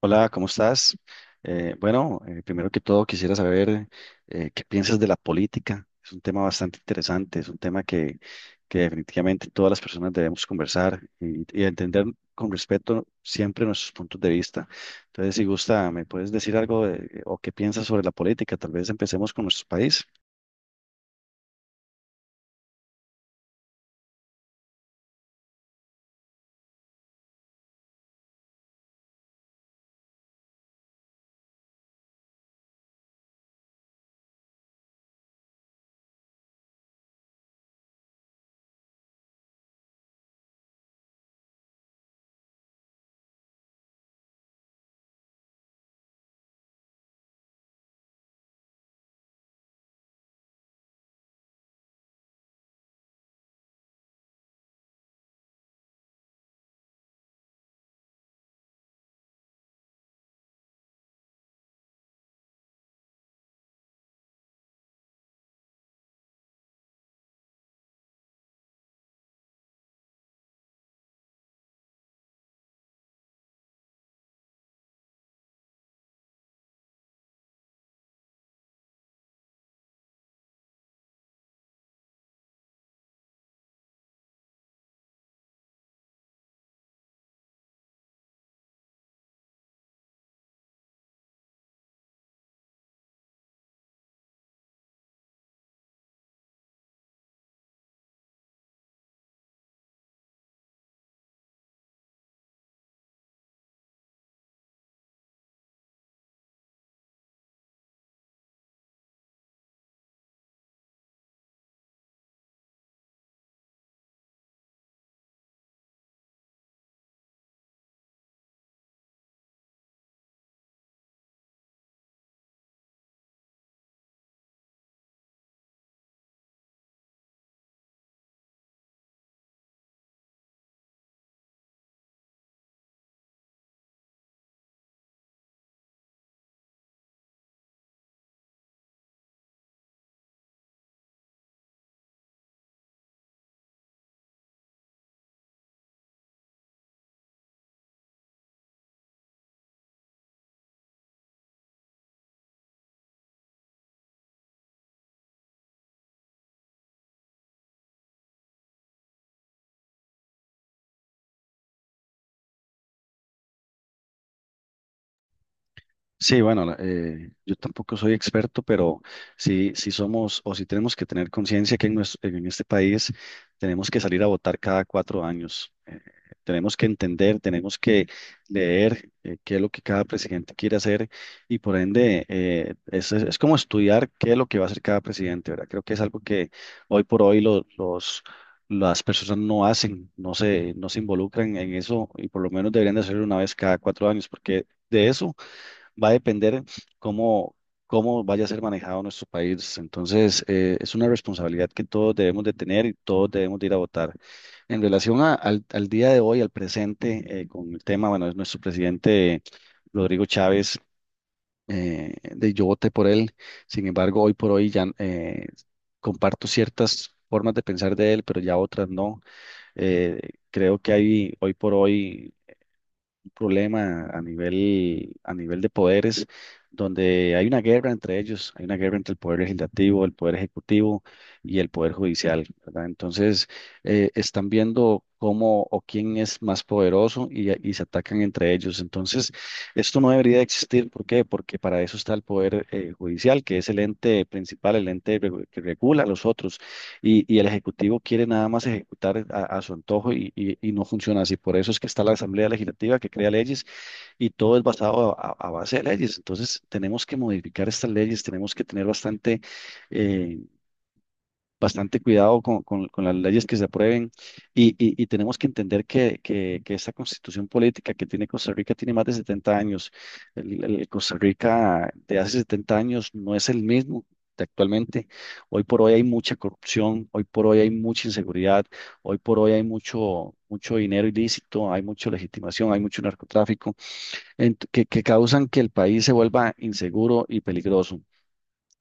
Hola, ¿cómo estás? Bueno, Primero que todo quisiera saber qué piensas de la política. Es un tema bastante interesante, es un tema que definitivamente todas las personas debemos conversar y entender con respeto siempre nuestros puntos de vista. Entonces, si gusta, ¿me puedes decir algo de- o qué piensas sobre la política? Tal vez empecemos con nuestro país. Sí, bueno, yo tampoco soy experto, pero sí, sí somos o sí tenemos que tener conciencia que nues- en este país tenemos que salir a votar cada cuatro años. Tenemos que entender, tenemos que leer qué es lo que cada presidente quiere hacer y por ende es, es como estudiar qué es lo que va a hacer cada presidente, ¿verdad? Creo que es algo que hoy por hoy los... Las personas no hacen, no se involucran en eso y por lo menos deberían de hacerlo una vez cada cuatro años, porque de eso va a depender cómo, cómo vaya a ser manejado nuestro país. Entonces, es una responsabilidad que todos debemos de tener y todos debemos de ir a votar. En relación al, al día de hoy, al presente, con el tema, bueno, es nuestro presidente Rodrigo Chávez, de yo voté por él. Sin embargo, hoy por hoy ya comparto ciertas formas de pensar de él, pero ya otras no. Eh, Creo que hay hoy por hoy un problema a nivel de poderes, donde hay una guerra entre ellos, hay una guerra entre el poder legislativo, el poder ejecutivo y el poder judicial, ¿verdad? Entonces, están viendo cómo o quién es más poderoso y se atacan entre ellos. Entonces, esto no debería de existir. ¿Por qué? Porque para eso está el poder judicial, que es el ente principal, el que regula a los otros y el Ejecutivo quiere nada más ejecutar a, su antojo y, y no funciona así. Por eso es que está la Asamblea Legislativa que crea leyes y todo es basado a, a base de leyes. Entonces tenemos que modificar estas leyes, tenemos que tener bastante eh, bastante cuidado con, con las leyes que se aprueben y, y tenemos que entender que esta constitución política que tiene Costa Rica tiene más de 70 años. El Costa Rica de hace 70 años no es el mismo. De Actualmente, hoy por hoy hay mucha corrupción, hoy por hoy hay mucha inseguridad, hoy por hoy hay mucho dinero ilícito, hay mucha legitimación, hay mucho narcotráfico que causan que el país se vuelva inseguro y peligroso.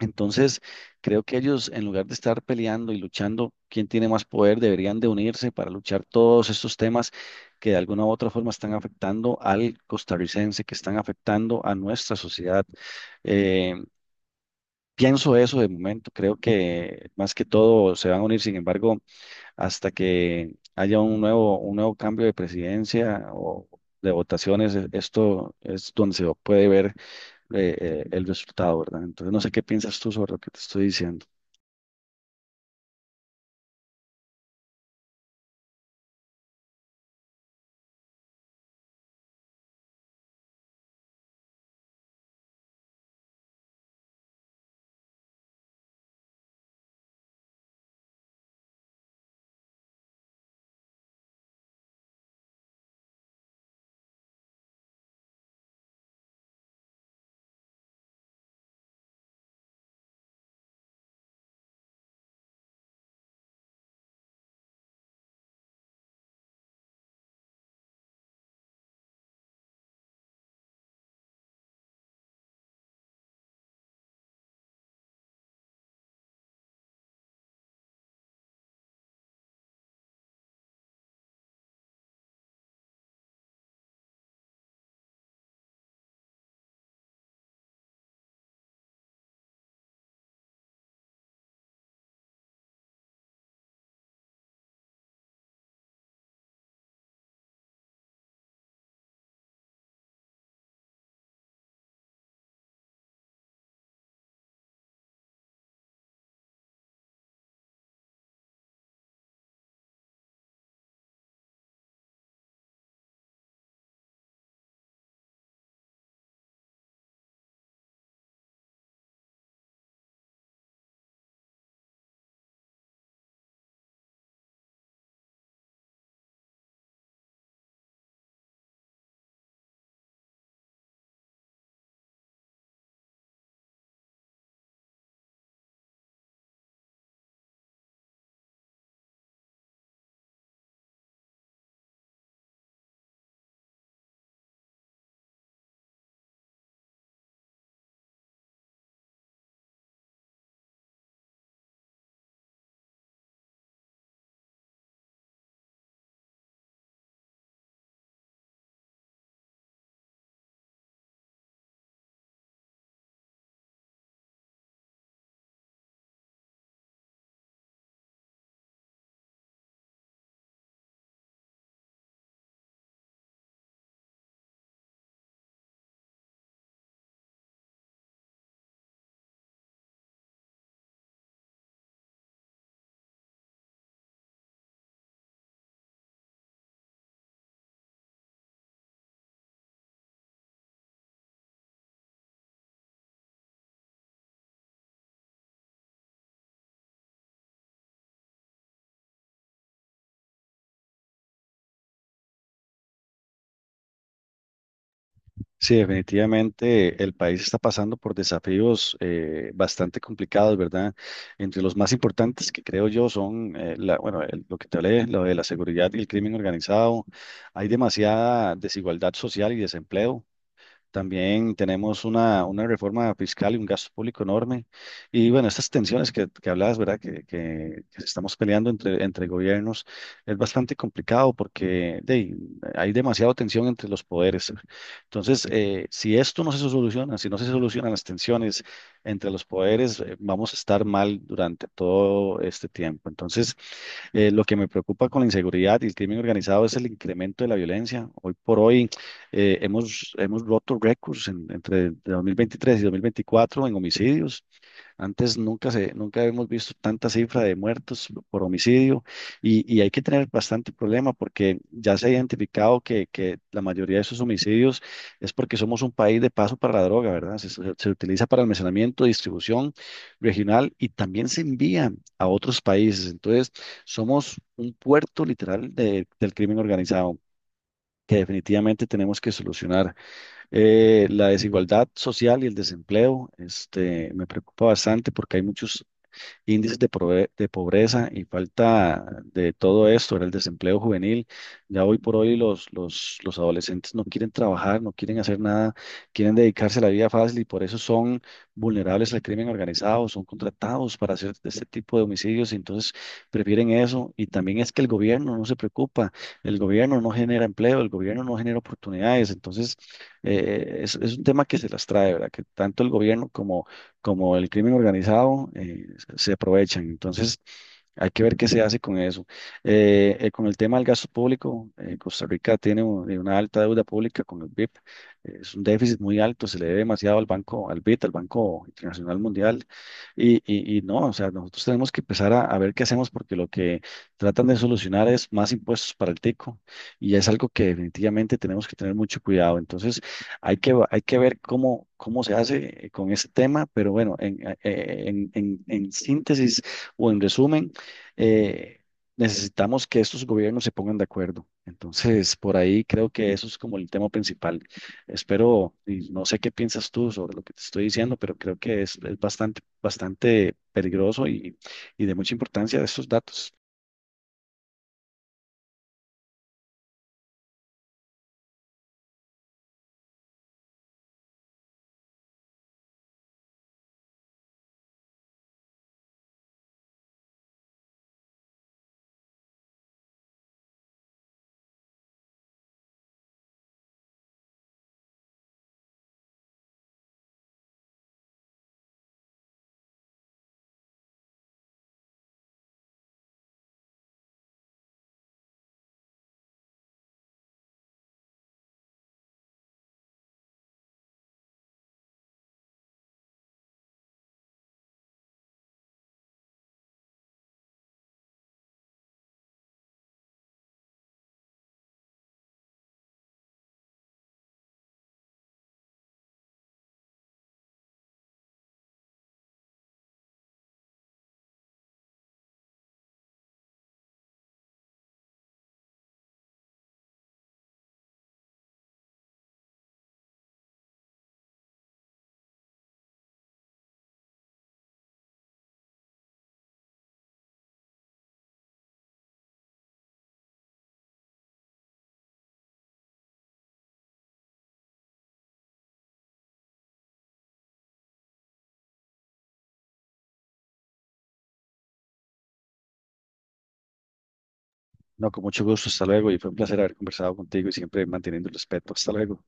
Entonces, creo que ellos, en lugar de estar peleando y luchando quién tiene más poder, deberían de unirse para luchar todos estos temas que de alguna u otra forma están afectando al costarricense, que están afectando a nuestra sociedad. Eh, Pienso eso de momento, creo que más que todo se van a unir, sin embargo hasta que haya un nuevo cambio de presidencia o de votaciones, e- esto es donde se puede ver el resultado, ¿verdad? Entonces, no sé qué piensas tú sobre lo que te estoy diciendo. Sí, definitivamente el país está pasando por desafíos bastante complicados, ¿verdad? Entre los más importantes que creo yo son, la, bueno, el- lo que te hablé, lo de la seguridad y el crimen organizado. Hay demasiada desigualdad social y desempleo. También tenemos una reforma fiscal y un gasto público enorme. Y bueno, estas tensiones que hablabas, ¿verdad? Que, que estamos peleando entre, entre gobiernos, es bastante complicado porque de ahí, hay demasiada tensión entre los poderes. Entonces, si esto no se soluciona, si no se solucionan las tensiones entre los poderes, vamos a estar mal durante todo este tiempo. Entonces, lo que me preocupa con la inseguridad y el crimen organizado es el incremento de la violencia. Hoy por hoy hemos roto récords en- entre 2023 y 2024 en homicidios. Antes nunca se, nunca habíamos visto tanta cifra de muertos por homicidio y hay que tener bastante problema porque ya se ha identificado que la mayoría de esos homicidios es porque somos un país de paso para la droga, ¿verdad? Se, se utiliza para almacenamiento, distribución regional y también se envía a otros países. Entonces, somos un puerto literal del crimen organizado que definitivamente tenemos que solucionar. La desigualdad social y el desempleo, este, me preocupa bastante porque hay muchos índices de, de pobreza y falta de todo esto, era el desempleo juvenil. Ya hoy por hoy los adolescentes no quieren trabajar, no quieren hacer nada, quieren dedicarse a la vida fácil y por eso son vulnerables al crimen organizado, son contratados para hacer este tipo de homicidios y entonces prefieren eso. Y también es que el gobierno no se preocupa, el gobierno no genera empleo, el gobierno no genera oportunidades, entonces es un tema que se las trae, ¿verdad? Que tanto el gobierno como el crimen organizado, se aprovechan. Entonces, hay que ver qué se hace con eso. Con el tema del gasto público, Costa Rica tiene una alta deuda pública con el BIP. Es un déficit muy alto, se le debe demasiado al banco, al BIT, al Banco Internacional Mundial. Y no, o sea, nosotros tenemos que empezar a, ver qué hacemos porque lo que tratan de solucionar es más impuestos para el tico y es algo que definitivamente tenemos que tener mucho cuidado. Entonces, hay que ver cómo, cómo se hace con ese tema, pero bueno, en, en síntesis o en resumen, eh, necesitamos que estos gobiernos se pongan de acuerdo. Entonces, por ahí creo que eso es como el tema principal. Espero, y no sé qué piensas tú sobre lo que te estoy diciendo, pero creo que es bastante, bastante peligroso y de mucha importancia estos datos. No, con mucho gusto, hasta luego y fue un placer haber conversado contigo y siempre manteniendo el respeto. Hasta luego.